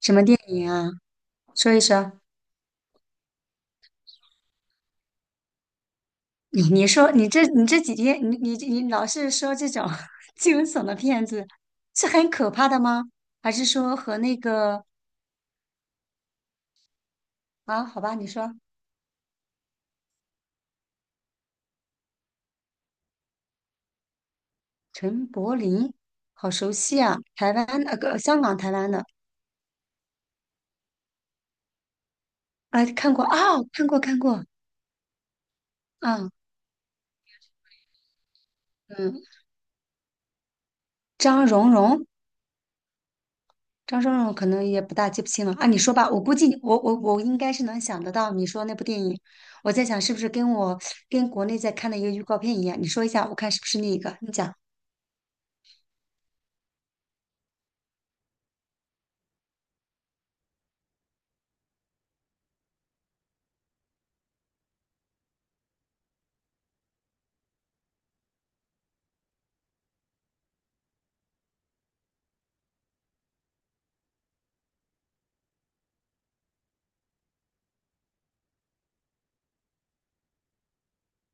什么电影啊？说一说。你说你这几天你老是说这种 惊悚的片子，是很可怕的吗？还是说和那个啊？好吧，你说陈柏霖，好熟悉啊，台湾那个、香港台湾的，啊，看过啊、看过看过啊，嗯，张蓉蓉张松勇可能也不大记不清了啊，你说吧，我估计我应该是能想得到你说那部电影，我在想是不是跟我跟国内在看的一个预告片一样，你说一下，我看是不是那个，你讲。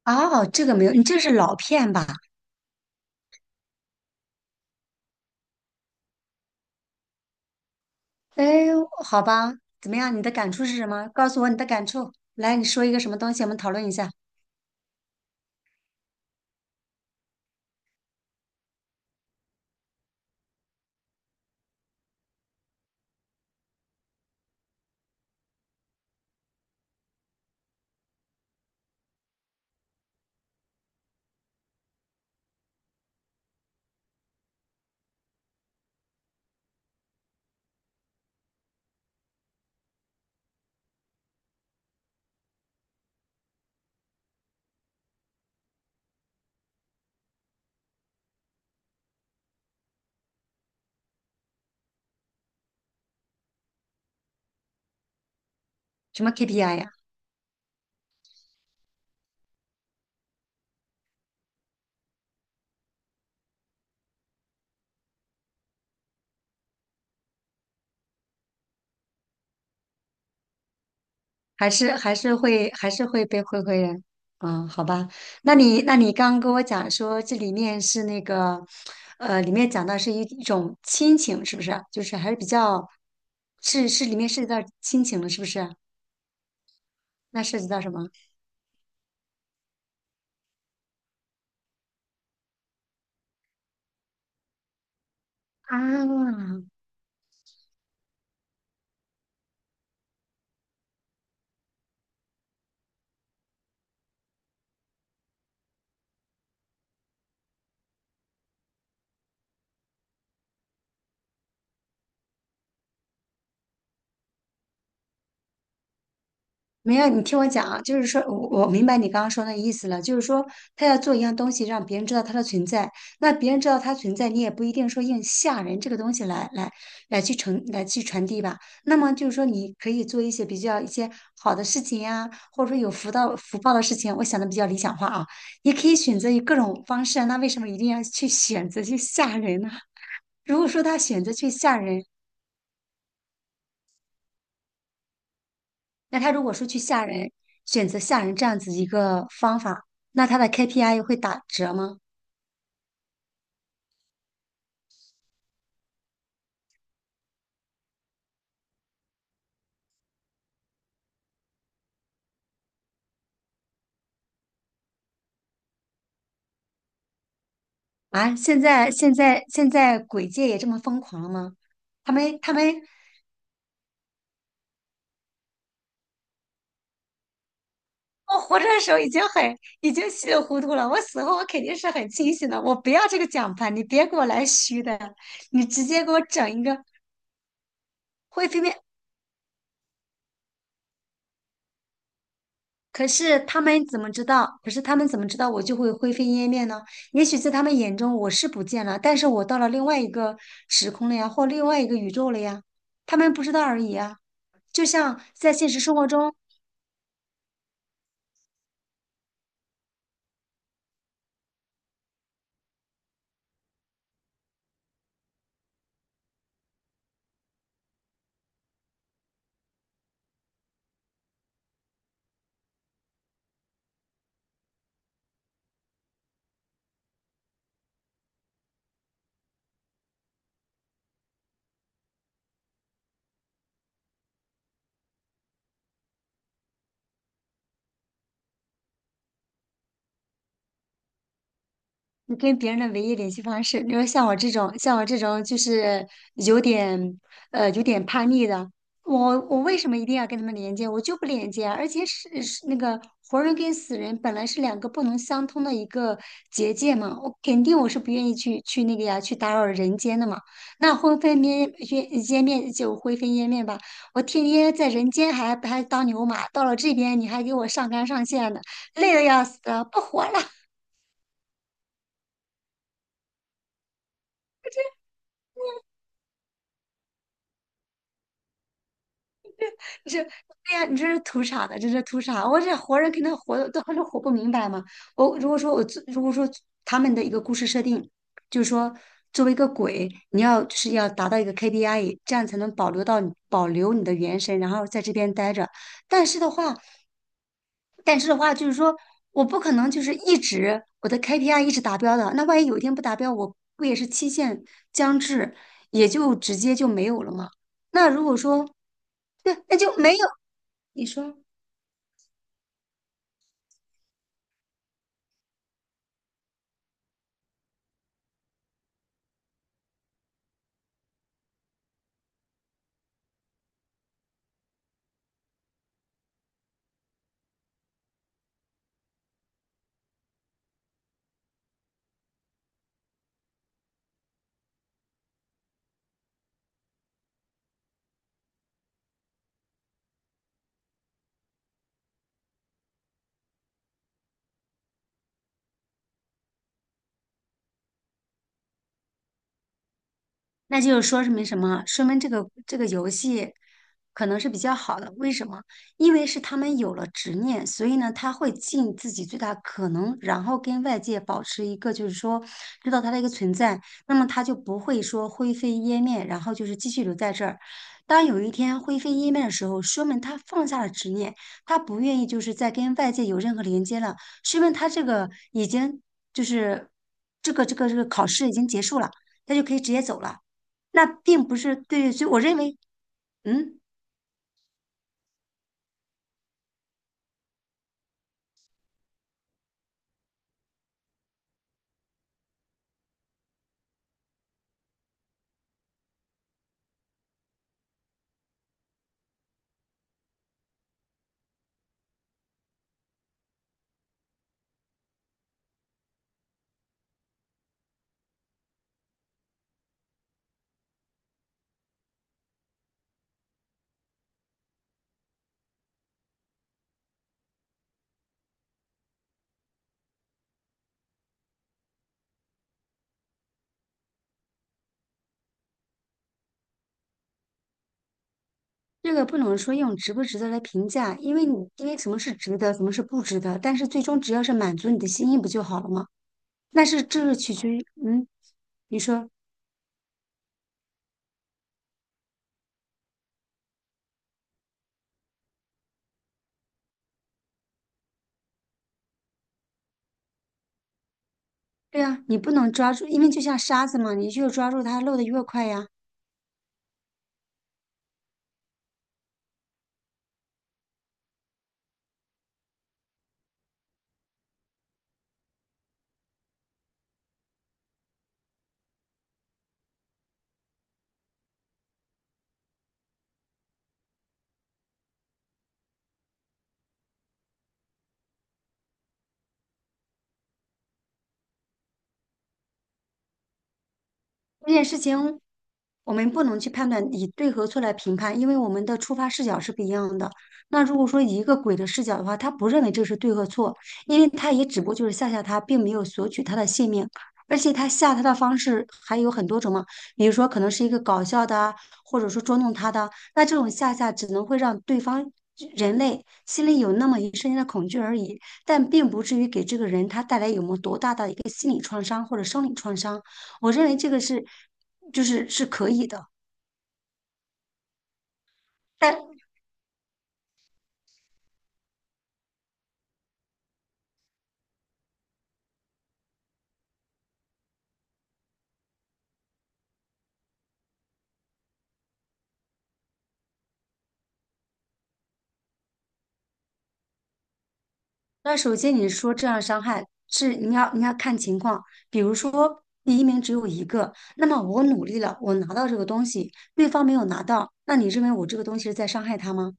哦，这个没有，你这是老片吧？哎，好吧，怎么样？你的感触是什么？告诉我你的感触，来，你说一个什么东西，我们讨论一下，什么 KPI 呀？还是会被灰灰人，嗯，好吧。那你刚刚跟我讲说这里面是那个，里面讲到是一种亲情，是不是啊？就是还是比较，是里面涉及到亲情了，是不是啊？那涉及到什么啊？没有，你听我讲啊，就是说我明白你刚刚说那意思了，就是说他要做一样东西，让别人知道他的存在，那别人知道他存在，你也不一定说用吓人这个东西来去传递吧。那么就是说，你可以做一些比较一些好的事情呀、或者说有福到福报的事情，我想的比较理想化啊，也可以选择以各种方式啊那为什么一定要去选择去吓人呢？如果说他选择去吓人，那他如果说去吓人，选择吓人这样子一个方法，那他的 KPI 会打折吗？啊，现在鬼界也这么疯狂了吗？他们，我活着的时候已经很已经稀里糊涂了，我死后我肯定是很清醒的。我不要这个奖牌，你别给我来虚的，你直接给我整一个会飞可是他们怎么知道？可是他们怎么知道我就会灰飞烟灭呢？也许在他们眼中我是不见了，但是我到了另外一个时空了呀，或另外一个宇宙了呀，他们不知道而已啊。就像在现实生活中，你跟别人的唯一联系方式，你说像我这种就是有点有点叛逆的，我为什么一定要跟他们连接？我就不连接啊，而且是那个活人跟死人本来是两个不能相通的一个结界嘛，我肯定我是不愿意去那个呀，去打扰人间的嘛。那灰飞烟烟烟灭就灰飞烟灭吧，我天天在人间还当牛马，到了这边你还给我上纲上线的，累得要死，不活了。对呀，你这是图啥呢？这是图啥？我这活人肯定活的都还是活不明白嘛。我如果说我做，如果说他们的一个故事设定，就是说作为一个鬼，你要就是要达到一个 KPI，这样才能保留你的元神，然后在这边待着。但是的话，但是的话，就是说我不可能就是我的 KPI 一直达标的，那万一有一天不达标，我不也是期限将至，也就直接就没有了吗？那如果说对，那就没有。你说。那就是说明什么？说明这个游戏可能是比较好的。为什么？因为是他们有了执念，所以呢，他会尽自己最大可能，然后跟外界保持一个就是说知道他的一个存在，那么他就不会说灰飞烟灭，然后就是继续留在这儿。当有一天灰飞烟灭的时候，说明他放下了执念，他不愿意就是再跟外界有任何连接了，说明他这个已经就是这个考试已经结束了，他就可以直接走了。那并不是对，所以我认为，嗯，这个不能说用值不值得来评价，因为什么是值得，什么是不值得，但是最终只要是满足你的心意不就好了吗？这是取决于，你说。对啊，你不能抓住，因为就像沙子嘛，你越抓住它漏的越快呀。这件事情我们不能去判断以对和错来评判，因为我们的出发视角是不一样的。那如果说以一个鬼的视角的话，他不认为这是对和错，因为他也只不过就是吓吓他，并没有索取他的性命。而且他吓他的方式还有很多种嘛，比如说可能是一个搞笑的啊，或者说捉弄他的，那这种吓吓只能会让对方人类心里有那么一瞬间的恐惧而已，但并不至于给这个人他带来有么多大的一个心理创伤或者生理创伤。我认为这个是就是是可以的。但那首先你说这样伤害是你要看情况，比如说第一名只有一个，那么我努力了，我拿到这个东西，对方没有拿到，那你认为我这个东西是在伤害他吗？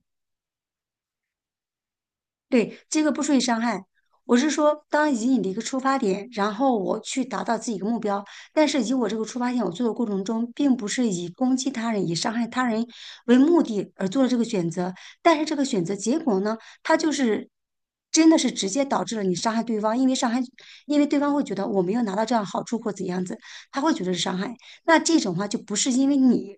对，这个不属于伤害。我是说，当以你的一个出发点，然后我去达到自己一个目标，但是以我这个出发点，我做的过程中，并不是以攻击他人、以伤害他人为目的而做了这个选择，但是这个选择结果呢，它就是真的是直接导致了你伤害对方，因为伤害，因为对方会觉得我没有拿到这样好处或怎样子，他会觉得是伤害。那这种话就不是因为你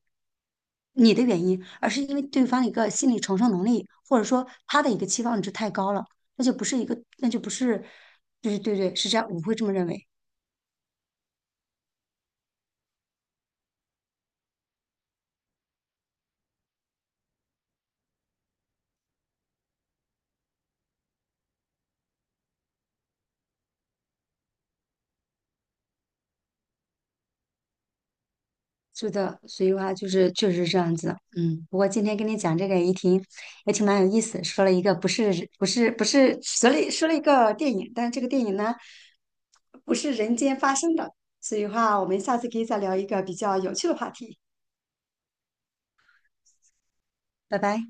你的原因，而是因为对方的一个心理承受能力，或者说他的一个期望值太高了，那就不是一个，那就不是，对对对，是这样，我会这么认为。是的，所以话就是确实是这样子，嗯。不过今天跟你讲这个也挺蛮有意思，说了一个不是不是不是说了说了一个电影，但是这个电影呢不是人间发生的，所以话我们下次可以再聊一个比较有趣的话题，拜拜。